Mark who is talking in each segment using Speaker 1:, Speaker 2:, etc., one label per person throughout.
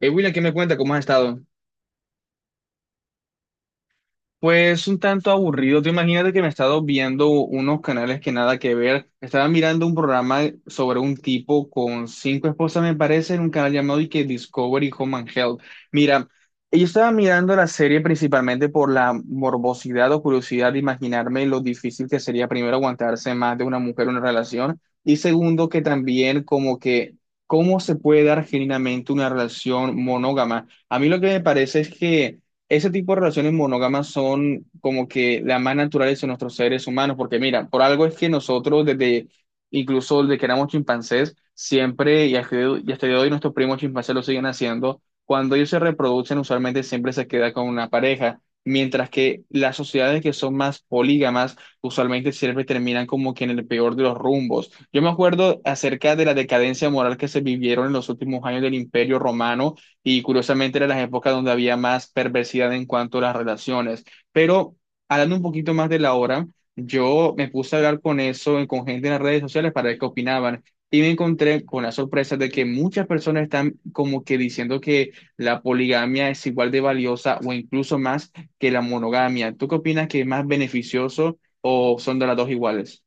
Speaker 1: William, ¿qué me cuenta? ¿Cómo has estado? Pues un tanto aburrido. Tú imagínate que me he estado viendo unos canales que nada que ver. Estaba mirando un programa sobre un tipo con cinco esposas, me parece, en un canal llamado y que Discovery Home and Health. Mira, yo estaba mirando la serie principalmente por la morbosidad o curiosidad de imaginarme lo difícil que sería primero aguantarse más de una mujer en una relación y segundo que también como que cómo se puede dar genuinamente una relación monógama. A mí lo que me parece es que ese tipo de relaciones monógamas son como que las más naturales en nuestros seres humanos, porque mira, por algo es que nosotros desde, incluso desde que éramos chimpancés, siempre, y hasta el día de hoy nuestros primos chimpancés lo siguen haciendo, cuando ellos se reproducen usualmente siempre se queda con una pareja, mientras que las sociedades que son más polígamas usualmente siempre terminan como que en el peor de los rumbos. Yo me acuerdo acerca de la decadencia moral que se vivieron en los últimos años del Imperio Romano y curiosamente eran las épocas donde había más perversidad en cuanto a las relaciones. Pero hablando un poquito más de la hora, yo me puse a hablar con eso, con gente en las redes sociales para ver qué opinaban. Y me encontré con la sorpresa de que muchas personas están como que diciendo que la poligamia es igual de valiosa o incluso más que la monogamia. ¿Tú qué opinas que es más beneficioso o son de las dos iguales?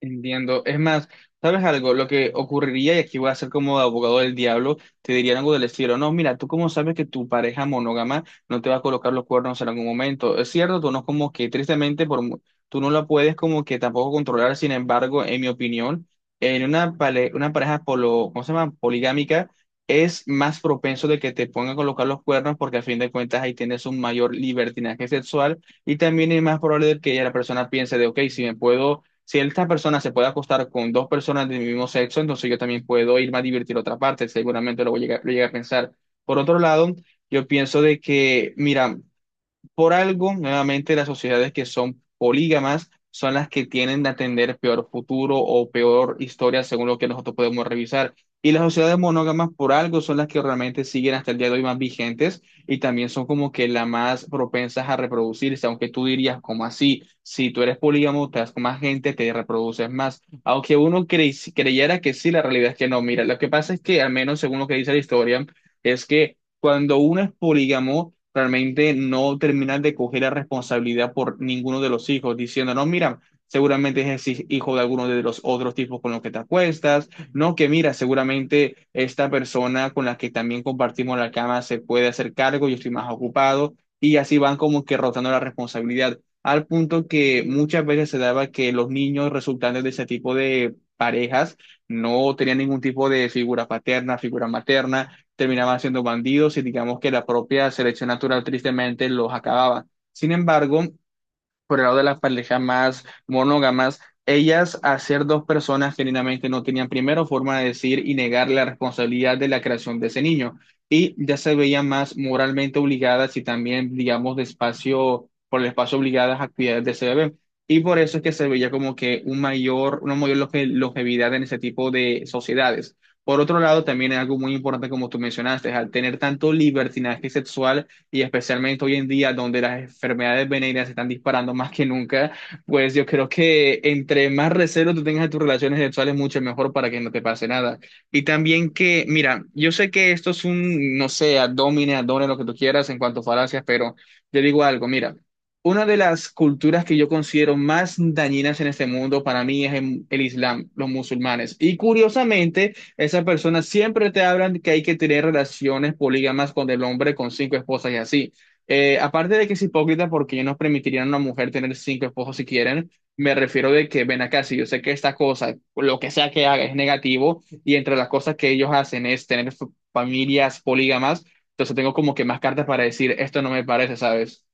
Speaker 1: Entiendo. Es más, ¿sabes algo? Lo que ocurriría, y aquí voy a ser como abogado del diablo, te dirían algo del estilo, no, mira, tú cómo sabes que tu pareja monógama no te va a colocar los cuernos en algún momento. Es cierto, tú no como que tristemente por, tú no la puedes como que tampoco controlar, sin embargo, en mi opinión, en una, una pareja polo, ¿cómo se llama? Poligámica, es más propenso de que te pongan a colocar los cuernos porque a fin de cuentas ahí tienes un mayor libertinaje sexual y también es más probable de que ya la persona piense de, ok, si me puedo si esta persona se puede acostar con dos personas del mismo sexo, entonces yo también puedo irme a divertir a otra parte, seguramente lo llegué a pensar. Por otro lado, yo pienso de que, mira, por algo, nuevamente, las sociedades que son polígamas son las que tienden a tener peor futuro o peor historia según lo que nosotros podemos revisar. Y las sociedades monógamas, por algo, son las que realmente siguen hasta el día de hoy más vigentes y también son como que las más propensas a reproducirse, aunque tú dirías, ¿como así? Si tú eres polígamo, te das con más gente, te reproduces más. Aunque uno creyera que sí, la realidad es que no. Mira, lo que pasa es que, al menos según lo que dice la historia, es que cuando uno es polígamo, realmente no terminan de coger la responsabilidad por ninguno de los hijos, diciendo, no, mira, seguramente es el hijo de alguno de los otros tipos con los que te acuestas, no, que mira, seguramente esta persona con la que también compartimos la cama se puede hacer cargo, yo estoy más ocupado, y así van como que rotando la responsabilidad, al punto que muchas veces se daba que los niños resultantes de ese tipo de parejas no tenían ningún tipo de figura paterna, figura materna, terminaban siendo bandidos y digamos que la propia selección natural tristemente los acababa. Sin embargo, por el lado de las parejas más monógamas, ellas a ser dos personas genuinamente no tenían primero forma de decir y negar la responsabilidad de la creación de ese niño y ya se veían más moralmente obligadas y también, digamos, de espacio, por el espacio obligadas a actividades de ese bebé. Y por eso es que se veía como que un mayor, una mayor longevidad en ese tipo de sociedades. Por otro lado, también es algo muy importante, como tú mencionaste, al tener tanto libertinaje sexual, y especialmente hoy en día donde las enfermedades venéreas se están disparando más que nunca, pues yo creo que entre más recelo tú tengas de tus relaciones sexuales, mucho mejor para que no te pase nada. Y también que, mira, yo sé que esto es un, no sé, abdomen, lo que tú quieras en cuanto a falacias, pero yo digo algo, mira. Una de las culturas que yo considero más dañinas en este mundo para mí es el Islam, los musulmanes. Y curiosamente, esas personas siempre te hablan que hay que tener relaciones polígamas con el hombre con cinco esposas y así. Aparte de que es hipócrita porque ellos no permitirían a una mujer tener cinco esposos si quieren, me refiero de que ven acá, si yo sé que esta cosa, lo que sea que haga es negativo y entre las cosas que ellos hacen es tener familias polígamas, entonces tengo como que más cartas para decir, esto no me parece, ¿sabes?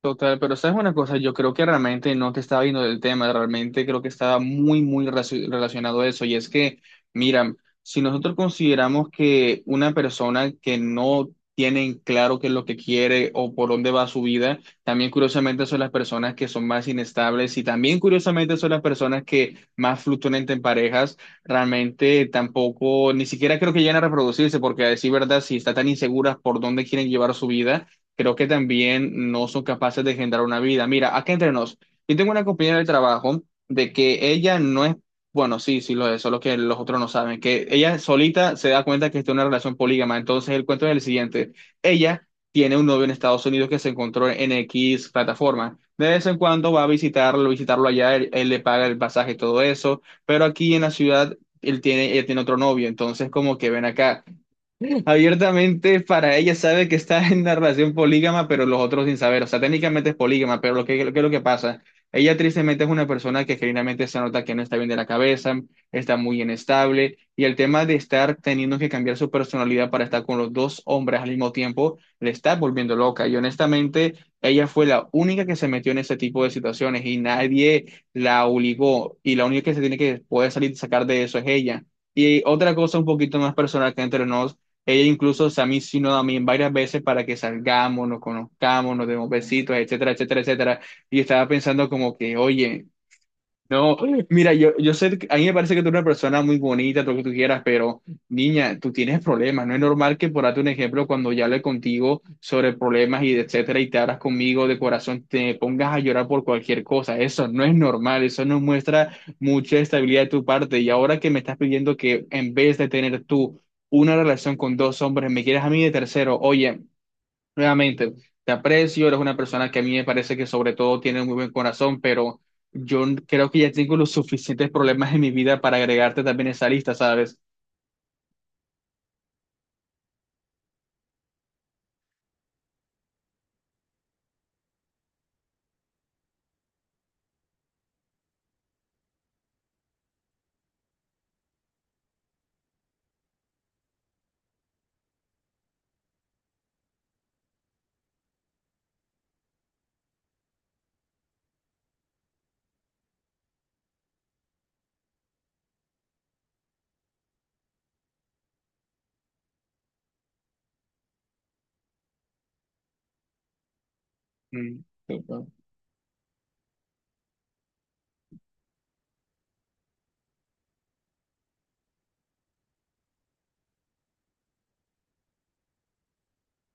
Speaker 1: Total, pero sabes una cosa, yo creo que realmente no te estaba viendo del tema, realmente creo que estaba muy, muy relacionado a eso. Y es que, mira, si nosotros consideramos que una persona que no tiene en claro qué es lo que quiere o por dónde va su vida, también curiosamente son las personas que son más inestables y también curiosamente son las personas que más fluctúan en parejas, realmente tampoco, ni siquiera creo que lleguen a reproducirse, porque a decir verdad, si están tan inseguras por dónde quieren llevar su vida creo que también no son capaces de generar una vida. Mira, acá entre nos, yo tengo una compañera del trabajo de que ella no es, bueno, sí, sí lo es, solo que los otros no saben, que ella solita se da cuenta que está en una relación polígama. Entonces el cuento es el siguiente, ella tiene un novio en Estados Unidos que se encontró en X plataforma. De vez en cuando va a visitarlo, visitarlo allá, él le paga el pasaje y todo eso, pero aquí en la ciudad él tiene otro novio, entonces como que ven acá. Abiertamente para ella sabe que está en una relación polígama, pero los otros sin saber. O sea, técnicamente es polígama, pero lo que pasa, ella tristemente es una persona que genuinamente se nota que no está bien de la cabeza, está muy inestable, y el tema de estar teniendo que cambiar su personalidad para estar con los dos hombres al mismo tiempo, le está volviendo loca. Y honestamente, ella fue la única que se metió en ese tipo de situaciones y nadie la obligó, y la única que se tiene que poder salir y sacar de eso es ella. Y otra cosa un poquito más personal que entre nos, ella incluso, o sea, a mí varias veces para que salgamos, nos conozcamos, nos demos besitos, etcétera, etcétera, etcétera. Y estaba pensando como que, oye, no, mira, yo sé, que- a mí me parece que tú eres una persona muy bonita, todo lo que tú quieras, pero niña, tú tienes problemas. No es normal que, por darte un ejemplo, cuando ya hablé contigo sobre problemas y etcétera, y te abras conmigo de corazón, te pongas a llorar por cualquier cosa. Eso no es normal, eso no muestra mucha estabilidad de tu parte. Y ahora que me estás pidiendo que en vez de tener tú una relación con dos hombres, me quieres a mí de tercero, oye. Nuevamente, te aprecio, eres una persona que a mí me parece que sobre todo tiene un muy buen corazón, pero yo creo que ya tengo los suficientes problemas en mi vida para agregarte también a esa lista, ¿sabes? Mm, total.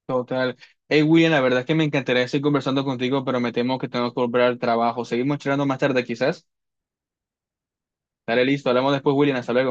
Speaker 1: Total. Hey, William, la verdad es que me encantaría seguir conversando contigo, pero me temo que tengo que volver al trabajo. Seguimos charlando más tarde, quizás. Dale, listo. Hablamos después, William. Hasta luego.